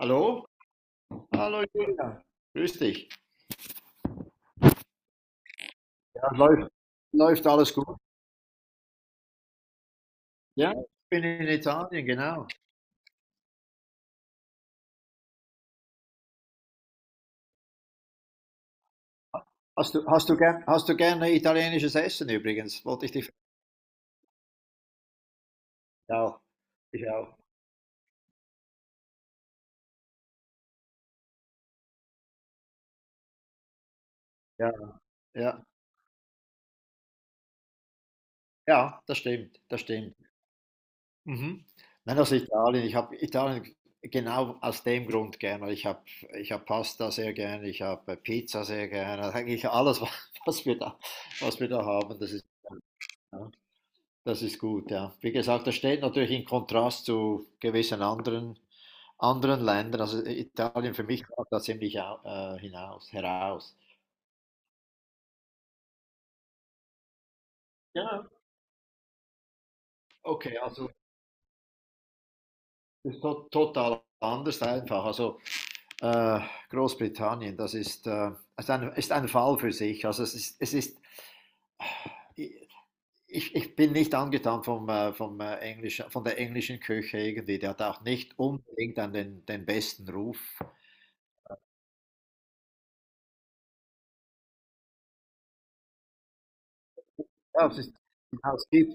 Hallo? Hallo Julia, grüß dich. Ja, läuft. Läuft alles gut? Ja, ich bin in Italien, genau. Hast du gerne italienisches Essen übrigens? Wollte ich dich fragen. Ja, ich auch. Ja, ja, ja, das stimmt, das stimmt. Mhm. Nein, also Italien. Ich habe Italien genau aus dem Grund gerne. Ich hab Pasta sehr gerne. Ich habe Pizza sehr gerne. Eigentlich alles, was wir da, was wir da haben, das ist. Ja. Das ist gut, ja. Wie gesagt, das steht natürlich in Kontrast zu gewissen anderen, anderen Ländern. Also Italien für mich ragt da ziemlich hinaus, heraus. Ja. Okay, also ist to total anders einfach. Also äh, Großbritannien, das ist ein Fall für sich. Also es ist äh, ich bin nicht angetan vom, von der englischen Küche irgendwie. Der hat auch nicht unbedingt an den besten Ruf. Ja, es ist, es gibt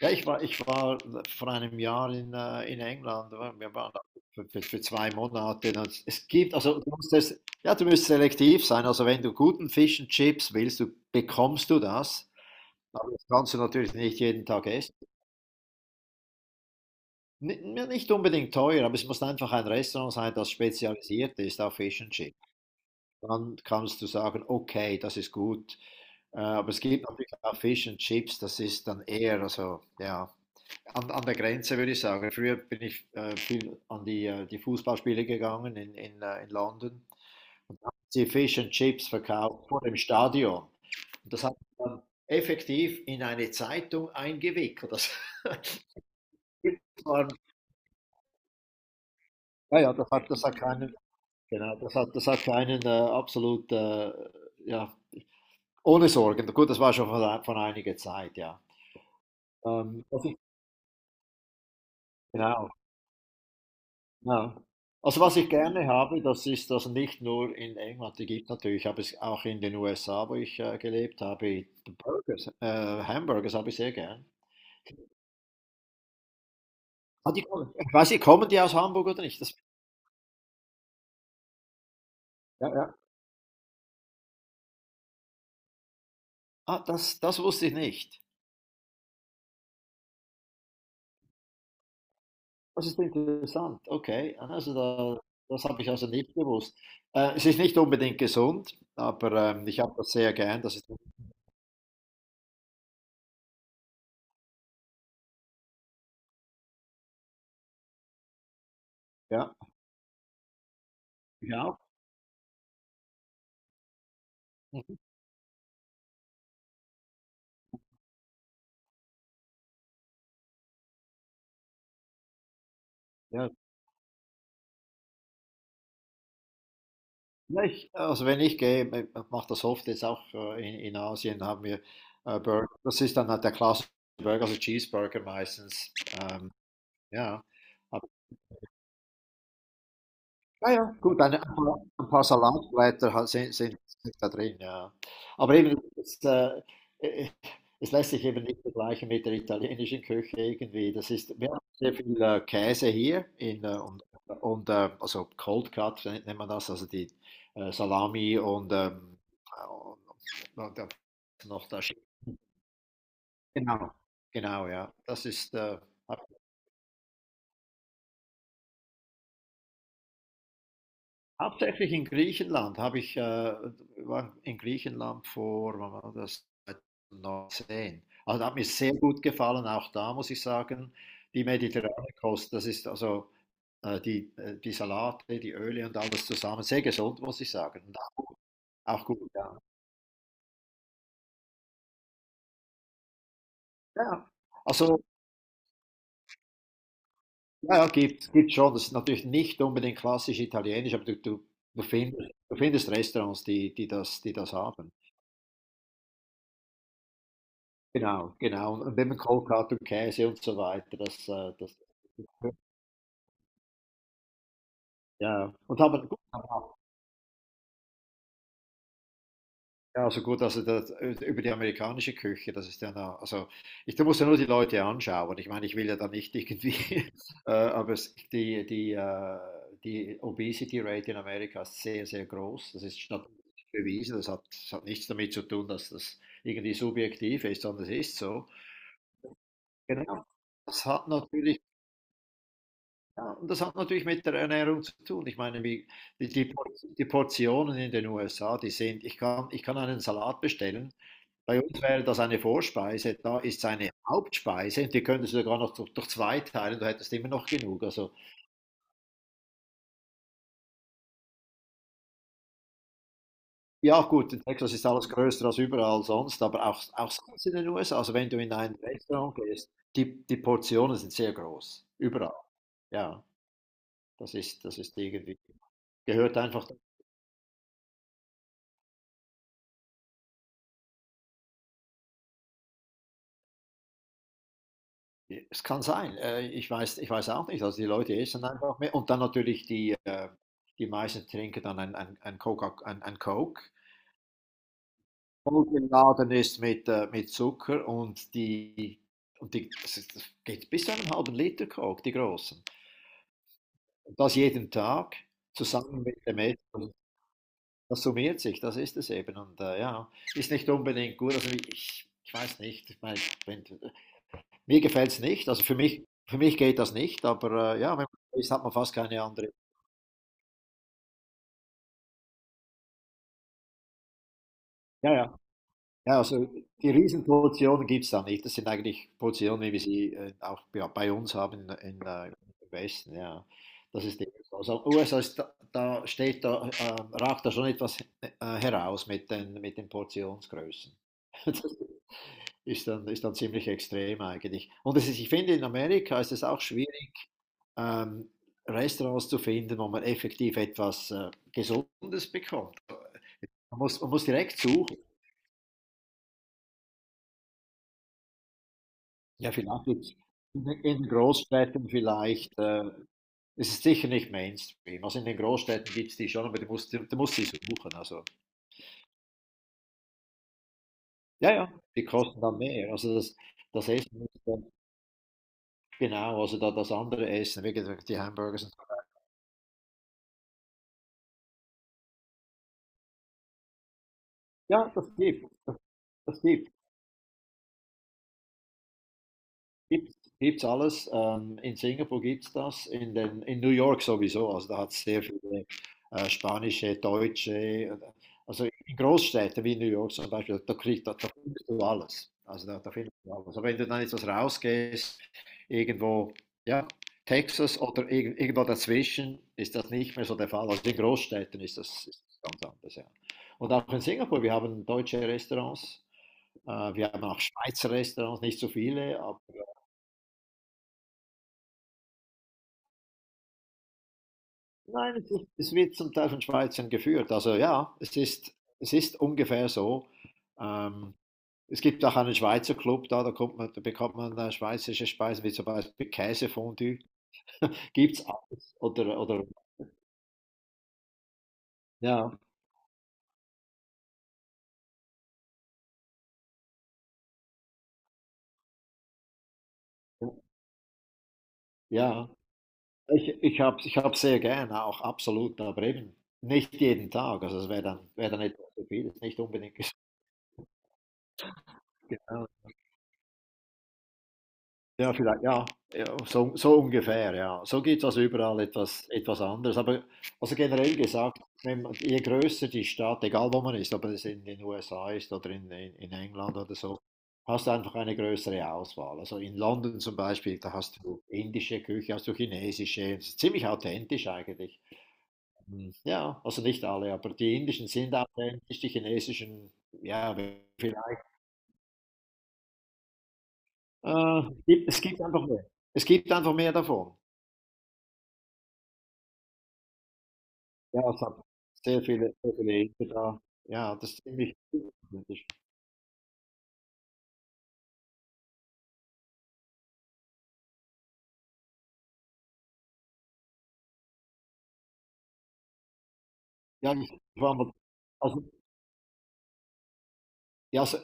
Ja, ich war vor einem Jahr in England. Oder? Wir waren da für 2 Monate. Und es gibt, also du musst es, ja, du musst selektiv sein. Also wenn du guten Fish and Chips willst, bekommst du das. Aber das kannst du natürlich nicht jeden Tag essen. N Nicht unbedingt teuer, aber es muss einfach ein Restaurant sein, das spezialisiert ist auf Fish and Chips. Dann kannst du sagen, okay, das ist gut. Aber es gibt natürlich auch Fish and Chips, das ist dann eher, also ja. An der Grenze würde ich sagen. Früher bin ich viel an die Fußballspiele gegangen in London, und da haben sie Fish and Chips verkauft vor dem Stadion. Und das hat man dann effektiv in eine Zeitung eingewickelt. Das, das war, ja, ja, das hat keinen, genau, das hat keinen absolut, ja, ohne Sorgen. Gut, das war schon von einiger Zeit, ja. Ähm, was ich, genau. Ja. Also was ich gerne habe, das ist das nicht nur in England, die gibt natürlich, habe es auch in den USA, wo ich gelebt habe, Burgers, äh, Hamburgers habe ich sehr gern. Ah, ich weiß nicht, kommen die aus Hamburg oder nicht? Das, ja, ja. Ah, das wusste ich nicht. Das ist interessant. Okay, also das habe ich also nicht gewusst. Es ist nicht unbedingt gesund, aber ich habe das sehr gern. Ja, ich auch. Mhm. Ja, ja, also wenn ich gehe, ich mache das oft jetzt auch in Asien, haben wir Burger. Das ist dann halt der klassische Burger, also Cheeseburger meistens. Ähm, ja, ja, ja, gut, ein paar Salatblätter ha sind sind sind da drin, ja. Aber eben, äh, es lässt sich eben nicht vergleichen mit der italienischen Küche irgendwie. Das ist Wir haben sehr viel, Käse hier in, und also Cold Cut nennt man das, also die Salami und noch da genau, genau, ja. Hauptsächlich in Griechenland war in Griechenland vor, wann war das, 2019. Also das hat mir sehr gut gefallen, auch da muss ich sagen, die mediterrane Kost, das ist also die, die Salate, die Öle und alles zusammen, sehr gesund, muss ich sagen. Und auch gut, ja. Ja, also ja, ja, gibt schon, das ist natürlich nicht unbedingt klassisch italienisch, aber du findest Restaurants, die das haben. Genau, genau. Und immer Kohlkarte und Käse und so weiter. Das, ja. Und aber gut, ja, also gut, über die amerikanische Küche, das ist ja, da muss ja nur die Leute anschauen. Ich meine, ich will ja da nicht irgendwie, aber die Obesity Rate in Amerika ist sehr, sehr groß. Das ist statistisch bewiesen. Das hat nichts damit zu tun, dass das irgendwie subjektiv ist, sondern es ist so. Genau. Das hat natürlich Ja, und das hat natürlich mit der Ernährung zu tun. Ich meine, wie, die, die, Por- die Portionen in den USA, die sind, ich kann einen Salat bestellen. Bei uns wäre das eine Vorspeise, da ist es eine Hauptspeise, die könntest du sogar noch durch zwei teilen, du hättest immer noch genug. Also, ja, gut, in Texas ist alles größer als überall sonst, aber auch sonst in den USA. Also, wenn du in ein Restaurant gehst, die Portionen sind sehr groß, überall. Ja, das ist irgendwie, gehört einfach Es kann sein. Ich weiß auch nicht. Also, die Leute essen einfach mehr und dann natürlich die die meisten trinken dann ein Coca ein Coke, vollgeladen ist mit Zucker, und die das ist das geht bis zu einem halben Liter Coke, die großen. Und das jeden Tag zusammen mit dem Essen. Das summiert sich, das ist es eben, und, ja, ist nicht unbedingt gut. Also, ich weiß nicht, ich meine, wenn mir gefällt es nicht. Also für mich geht das nicht, aber ja, wenn man so ist, hat man fast keine andere. Ja, ja. Ja, also die Riesenpositionen gibt es da nicht. Das sind eigentlich Positionen, wie wir sie auch ja, bei uns haben im Westen. Ja. Das ist eben so. Also USA ist da, ragt da schon etwas heraus mit den Portionsgrößen. Das ist dann ziemlich extrem eigentlich. Und ich finde, in Amerika ist es auch schwierig, ähm, Restaurants zu finden, wo man effektiv etwas Gesundes bekommt. Man muss direkt suchen. Ja, vielleicht jetzt in den Großstädten vielleicht. Es ist sicher nicht Mainstream. Also in den Großstädten gibt es die schon, aber du musst sie suchen. Also, ja, ja, die kosten dann mehr. Also das Essen ist dann genau, das andere Essen, wie gesagt, die Hamburgers. Und so. Ja, das gibt das, das gibt Gibt gibt's alles. In Singapur gibt's das, in New York sowieso. Also da hat es sehr viele spanische, deutsche, also in Großstädten wie New York zum Beispiel, da findest du alles. Also da findest du alles. Aber wenn du dann etwas rausgehst, irgendwo, ja, Texas oder irgendwo dazwischen, ist das nicht mehr so der Fall. Also in Großstädten ist das ganz anders, ja. Und auch in Singapur, wir haben deutsche Restaurants. Wir haben auch Schweizer Restaurants, nicht so viele, aber Nein, es wird zum Teil von Schweizern geführt. Also ja, es ist ungefähr so. Ähm, Es gibt auch einen Schweizer Club da, da bekommt man schweizerische Speisen, wie zum Beispiel Käsefondue. Gibt's alles. Oder, ja, ja. Ich hab sehr gerne, auch absolut, aber eben nicht jeden Tag. Also es wär dann etwas zu viel, ist nicht unbedingt gesund. Ja, vielleicht, ja, ja, so ungefähr, ja. So gibt es also überall etwas anderes. Aber also generell gesagt, wenn man, je größer die Stadt, egal wo man ist, ob es in den USA ist oder in England oder so, hast du einfach eine größere Auswahl. Also in London zum Beispiel, da hast du indische Küche, hast du chinesische, das ist ziemlich authentisch eigentlich. Hm, ja, also nicht alle, aber die indischen sind authentisch, die chinesischen, ja, vielleicht. Es gibt einfach mehr. Es gibt einfach mehr davon. Ja, es hat sehr viele Ängste da. Ja, das ist ziemlich problematisch. Ja, ich war mal, also, ja, also,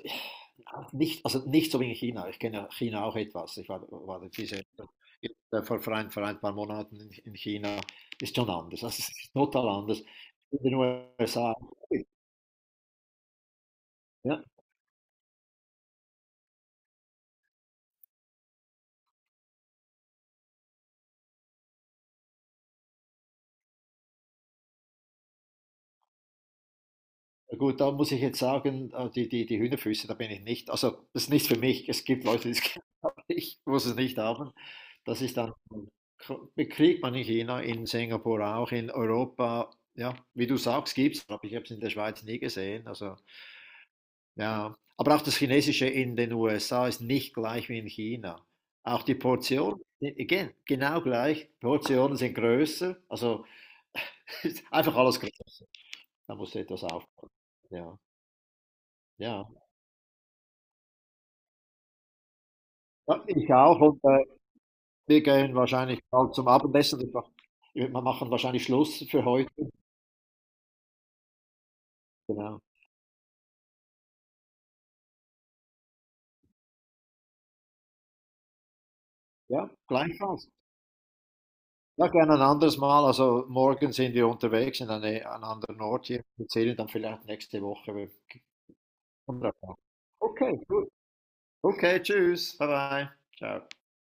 ja, nicht, also nicht so wie in China. Ich kenne China auch etwas. Ich war vor ein paar Monaten in China. Ist schon anders. Also, es ist total anders. In den USA. Ja, gut, da muss ich jetzt sagen, die die Hühnerfüße, da bin ich nicht, also, das ist nicht für mich. Es gibt Leute, die es haben, ich muss es nicht haben. Das ist dann ko Kriegt man in China, in Singapur auch, in Europa. Ja, wie du sagst, gibt's, aber ich habe es in der Schweiz nie gesehen, also ja. Aber auch das Chinesische in den USA ist nicht gleich wie in China. Auch die Portionen, again, genau gleich. Portionen sind größer, also ist einfach alles größer. Da musst du etwas aufpassen. Ja, ja. Ja, ich auch, und, wir gehen wahrscheinlich bald zum Abendessen. Wir machen wahrscheinlich Schluss für heute. Genau. Ja, gleichfalls. Ja, gerne ein anderes Mal. Also morgen sind wir unterwegs in einen anderen Ort hier. Wir sehen dann vielleicht nächste Woche. Wir kommen drauf an. Okay, gut. Okay, tschüss. Bye bye. Ciao.